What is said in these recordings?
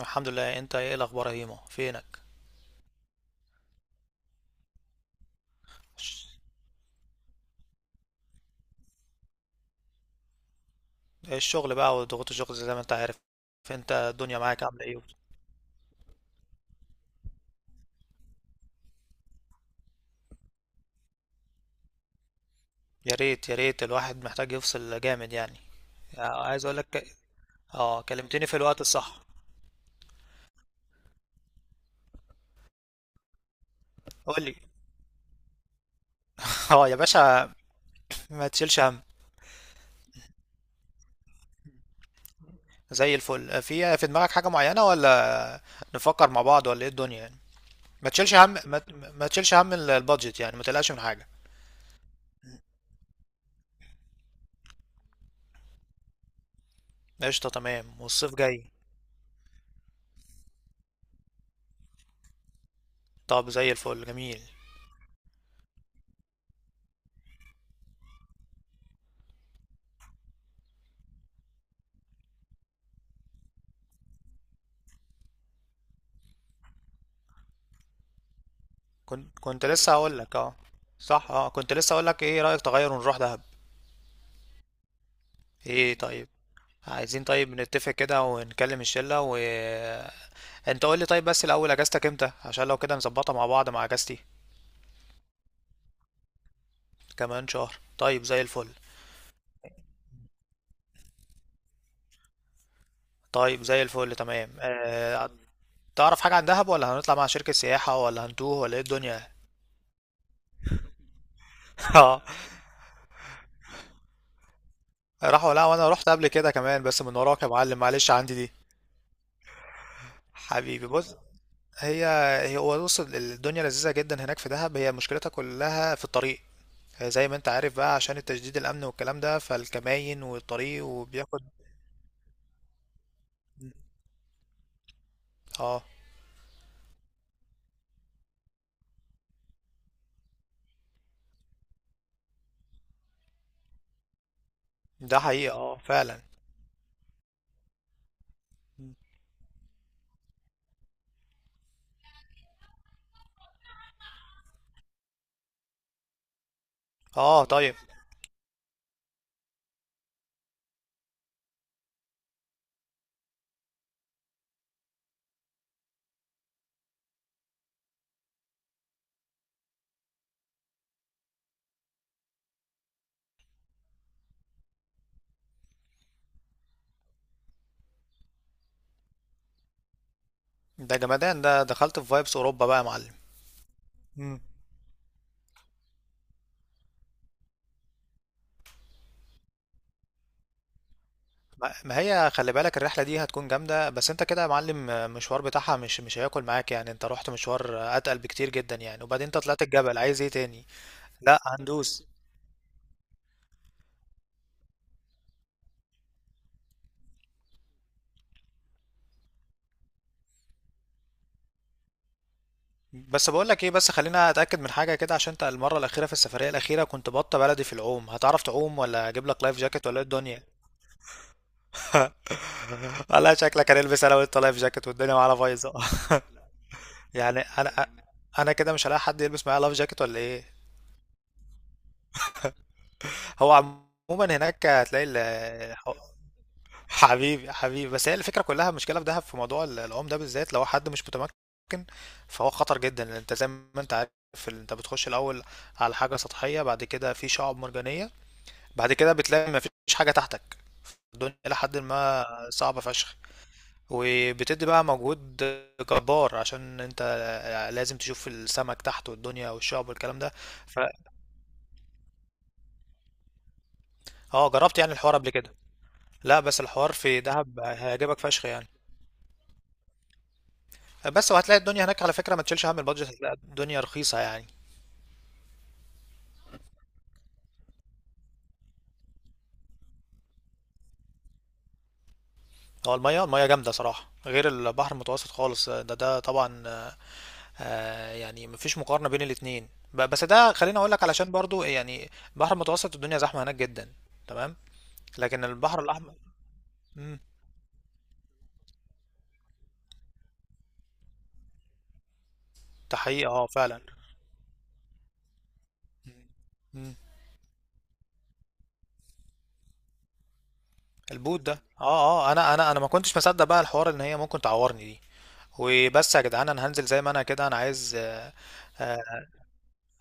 الحمد لله، انت ايه الاخبار يا هيمو؟ فينك؟ ش- الشغل بقى وضغوط الشغل زي ما انت عارف. انت الدنيا معاك عامله ايه؟ يا ريت يا ريت، الواحد محتاج يفصل جامد يعني. اه، عايز اقول لك. اه، كلمتني في الوقت الصح. قول لي. اه يا باشا. ما تشيلش هم. زي الفل، في دماغك حاجه معينه، ولا نفكر مع بعض، ولا ايه الدنيا يعني؟ ما تشيلش هم ما تشيلش هم البادجت، يعني ما تقلقش من حاجه. قشطه تمام، والصيف جاي. طب زي الفل، جميل. كنت لسه هقول لك، اه. صح، اه، كنت لسه هقول لك، ايه رأيك تغير ونروح دهب؟ ايه طيب. عايزين، طيب نتفق كده ونكلم الشلة و... انت قول لي طيب، بس الاول اجازتك امتى، عشان لو كده نظبطها مع بعض مع اجازتي. كمان شهر، طيب زي الفل. طيب زي الفل، تمام. تعرف حاجة عن دهب، ولا هنطلع مع شركة سياحة، ولا هنتوه، ولا ايه الدنيا؟ اه. راحوا. لا، وانا رحت قبل كده كمان، بس من وراك يا معلم، معلش عندي دي. حبيبي، بص. هي هي هو بص، الدنيا لذيذة جدا هناك في دهب، هي مشكلتها كلها في الطريق. هي زي ما انت عارف بقى، عشان التشديد الأمن والكلام ده، فالكماين والطريق وبياخد... اه ده حقيقة، اه فعلا. اه طيب. ده جمدان، ده دخلت في فايبس أوروبا بقى يا معلم. مم. ما هي خلي بالك، الرحلة دي هتكون جامدة، بس انت كده يا معلم، المشوار بتاعها مش هياكل معاك يعني، انت رحت مشوار أتقل بكتير جدا يعني، وبعدين انت طلعت الجبل، عايز ايه تاني؟ لا، هندوس. بس بقول لك ايه، بس خلينا اتاكد من حاجه كده، عشان انت المره الاخيره، في السفريه الاخيره كنت بطه بلدي في العوم، هتعرف تعوم ولا اجيب لك لايف جاكيت، ولا إيه الدنيا؟ والله شكلك هنلبس انا وانت لايف جاكيت والدنيا معانا بايظه. يعني انا، انا كده مش هلاقي حد يلبس معايا لايف جاكيت، ولا ايه؟ هو عموما هناك هتلاقي حبيبي حبيبي، بس هي الفكره كلها، المشكله في دهب في موضوع العوم ده بالذات لو حد مش متمكن، فهو خطر جدا، لأن انت زي ما انت عارف انت بتخش الاول على حاجه سطحيه، بعد كده في شعب مرجانيه، بعد كده بتلاقي مفيش حاجة تحتك. الدنيا إلى حد ما صعبة فشخ، وبتدي بقى مجهود جبار، عشان انت لازم تشوف السمك تحت والدنيا والشعب والكلام ده. ف اه، جربت يعني الحوار قبل كده. لا، بس الحوار في دهب هيعجبك فشخ يعني. بس، وهتلاقي الدنيا هناك على فكرة، ما تشيلش هم البادجت، هتلاقي الدنيا رخيصة يعني. هو المية جامدة صراحة، غير البحر المتوسط خالص ده طبعا. يعني مفيش مقارنة بين الاتنين بس ده خليني اقول لك علشان برضو يعني. البحر المتوسط الدنيا زحمة هناك جدا. تمام. لكن البحر الاحمر... امم. ده حقيقي، اه فعلا. مم. مم. البوت ده. اه اه، انا ما كنتش مصدق بقى الحوار ان هي ممكن تعورني دي. وبس يا جدعان، انا هنزل زي ما انا كده، انا عايز آه،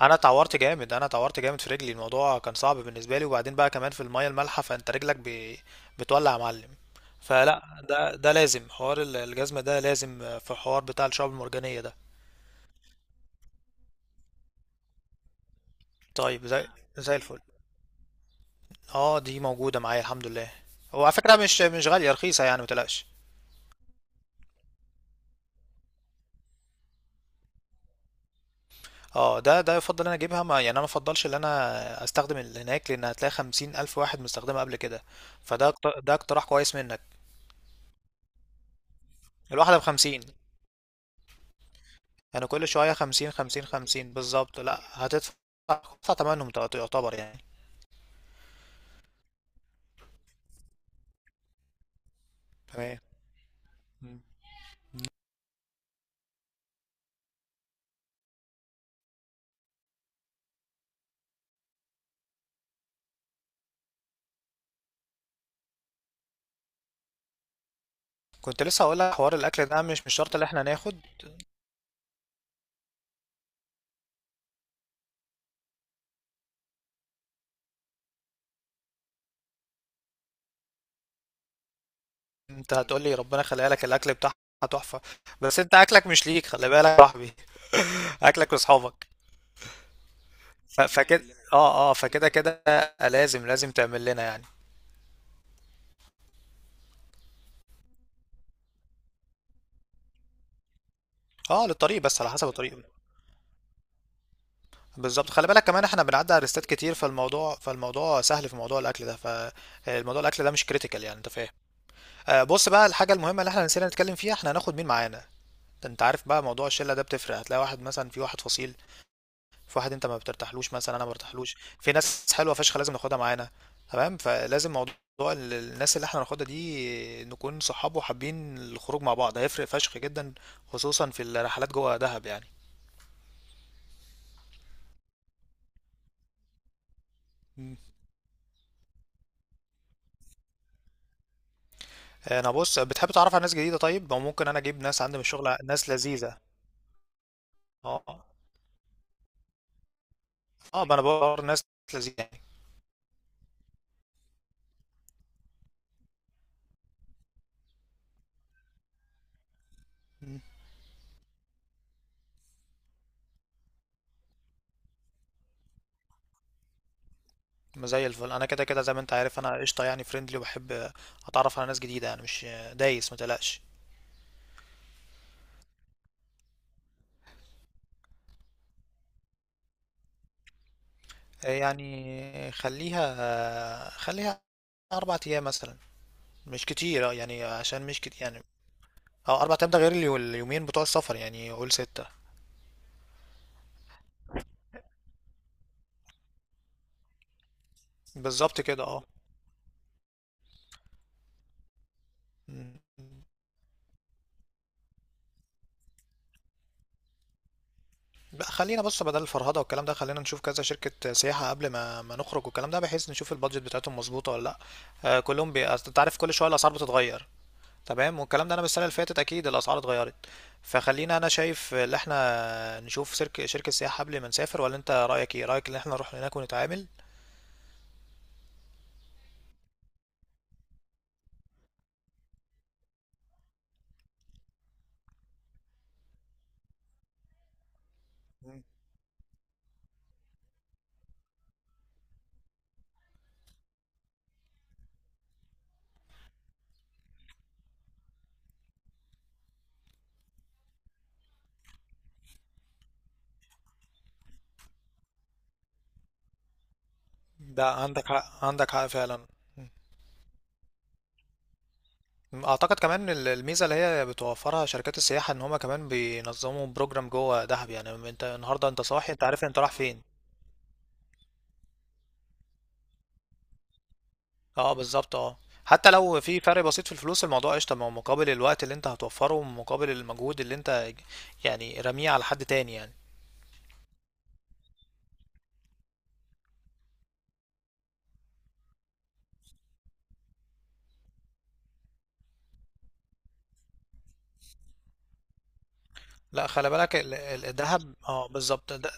انا اتعورت جامد، انا اتعورت جامد في رجلي، الموضوع كان صعب بالنسبه لي، وبعدين بقى كمان في الميه المالحه فانت رجلك بتولع يا معلم. فلا، ده لازم حوار الجزمه، ده لازم في حوار بتاع الشعاب المرجانيه ده. طيب زي الفل. اه، دي موجوده معايا الحمد لله. هو على فكره مش غاليه، رخيصه يعني متقلقش. اه، ده يفضل انا اجيبها، ما يعني انا ما افضلش ان انا استخدم اللي هناك، لان هتلاقي خمسين الف واحد مستخدمها قبل كده. ده اقتراح كويس منك. الواحده بخمسين. يعني كل شوية خمسين خمسين خمسين بالظبط، لا هتدفع، هتدفع تمنهم يعتبر يعني. تمام. مم. كنت لسه هقول لك حوار الاكل ده مش شرط اللي احنا ناخد. انت هتقول لي ربنا يخليها لك الاكل بتاعها، تحفة. بس انت اكلك مش ليك، خلي بالك يا صاحبي. اكلك لاصحابك. فكده، اه اه، فكده كده، لازم تعمل لنا يعني. اه للطريق بس، على حسب الطريق. بالظبط، خلي بالك كمان احنا بنعدي على ريستات كتير، فالموضوع سهل في موضوع الاكل ده، فالموضوع الاكل ده مش كريتيكال يعني، انت فاهم؟ بص بقى، الحاجة المهمة اللي احنا نسينا نتكلم فيها، احنا هناخد مين معانا؟ انت عارف بقى موضوع الشلة ده بتفرق، هتلاقي واحد مثلا، في واحد فصيل، في واحد انت ما بترتاحلوش مثلا، انا ما برتاحلوش. في ناس حلوة فشخ لازم ناخدها معانا. تمام، فلازم موضوع الناس اللي احنا هناخدها دي نكون صحاب وحابين الخروج مع بعض، هيفرق فشخ جدا، خصوصا في الرحلات جوه دهب يعني. مم. انا بص، بتحب تعرف على ناس جديدة؟ طيب، او ممكن انا اجيب ناس عندي من الشغل، ناس لذيذة. اه اه، ما انا بدور ناس لذيذة يعني. زي الفل، انا كده كده زي ما انت عارف، انا قشطه يعني فريندلي، وبحب اتعرف على ناس جديده، يعني مش دايس، متقلقش. يعني خليها 4 ايام مثلا، مش كتير، يعني عشان مش كتير يعني. اه 4 ايام ده غير اليومين بتوع السفر يعني، قول 6. بالظبط كده اه. مم. بقى خلينا بص، بدل الفرهده والكلام ده، خلينا نشوف كذا شركه سياحه قبل ما نخرج والكلام ده، بحيث نشوف البادجت بتاعتهم مظبوطه ولا لا. أصل انت عارف كل شويه الاسعار بتتغير. تمام، والكلام ده انا من السنه اللي فاتت اكيد الاسعار اتغيرت. فخلينا، انا شايف ان احنا نشوف شركه سياحه قبل ما نسافر، ولا انت رايك ايه، رايك ان احنا نروح هناك ونتعامل؟ مم. ده عندك حق، عندك حق فعلا. مم. اعتقد كمان الميزه اللي هي بتوفرها شركات السياحه، ان هما كمان بينظموا بروجرام جوه دهب يعني، انت النهارده انت صاحي، انت عارف انت رايح فين. اه بالظبط، اه. حتى لو في فرق بسيط في الفلوس الموضوع قشطه، ما هو مقابل الوقت اللي انت هتوفره، ومقابل المجهود اللي انت، يعني رميه على حد تاني يعني. لا، خلي بالك الدهب، اه بالظبط ده،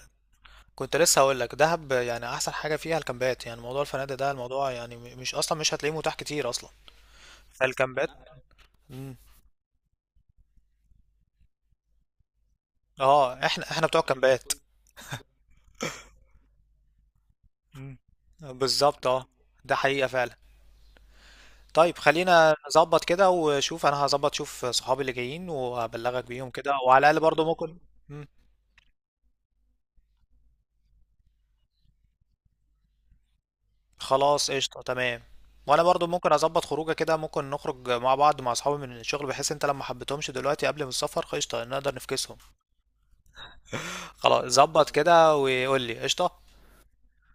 كنت لسه هقول لك دهب يعني احسن حاجه فيها الكامبات، يعني موضوع الفنادق ده الموضوع يعني مش اصلا مش هتلاقيه متاح كتير اصلا. فالكامبات. مم. اه، احنا بتوع الكامبات. مم. بالظبط اه. ده حقيقه فعلا. طيب خلينا نظبط كده وشوف، انا هظبط شوف صحابي اللي جايين وابلغك بيهم كده، وعلى الاقل برضو ممكن. خلاص قشطة تمام. وانا برضو ممكن اظبط خروجه كده، ممكن نخرج مع بعض مع اصحابي من الشغل، بحيث انت لما حبيتهمش دلوقتي قبل ما السفر قشطة، نقدر نفكسهم. خلاص ظبط كده، وقول لي قشطة.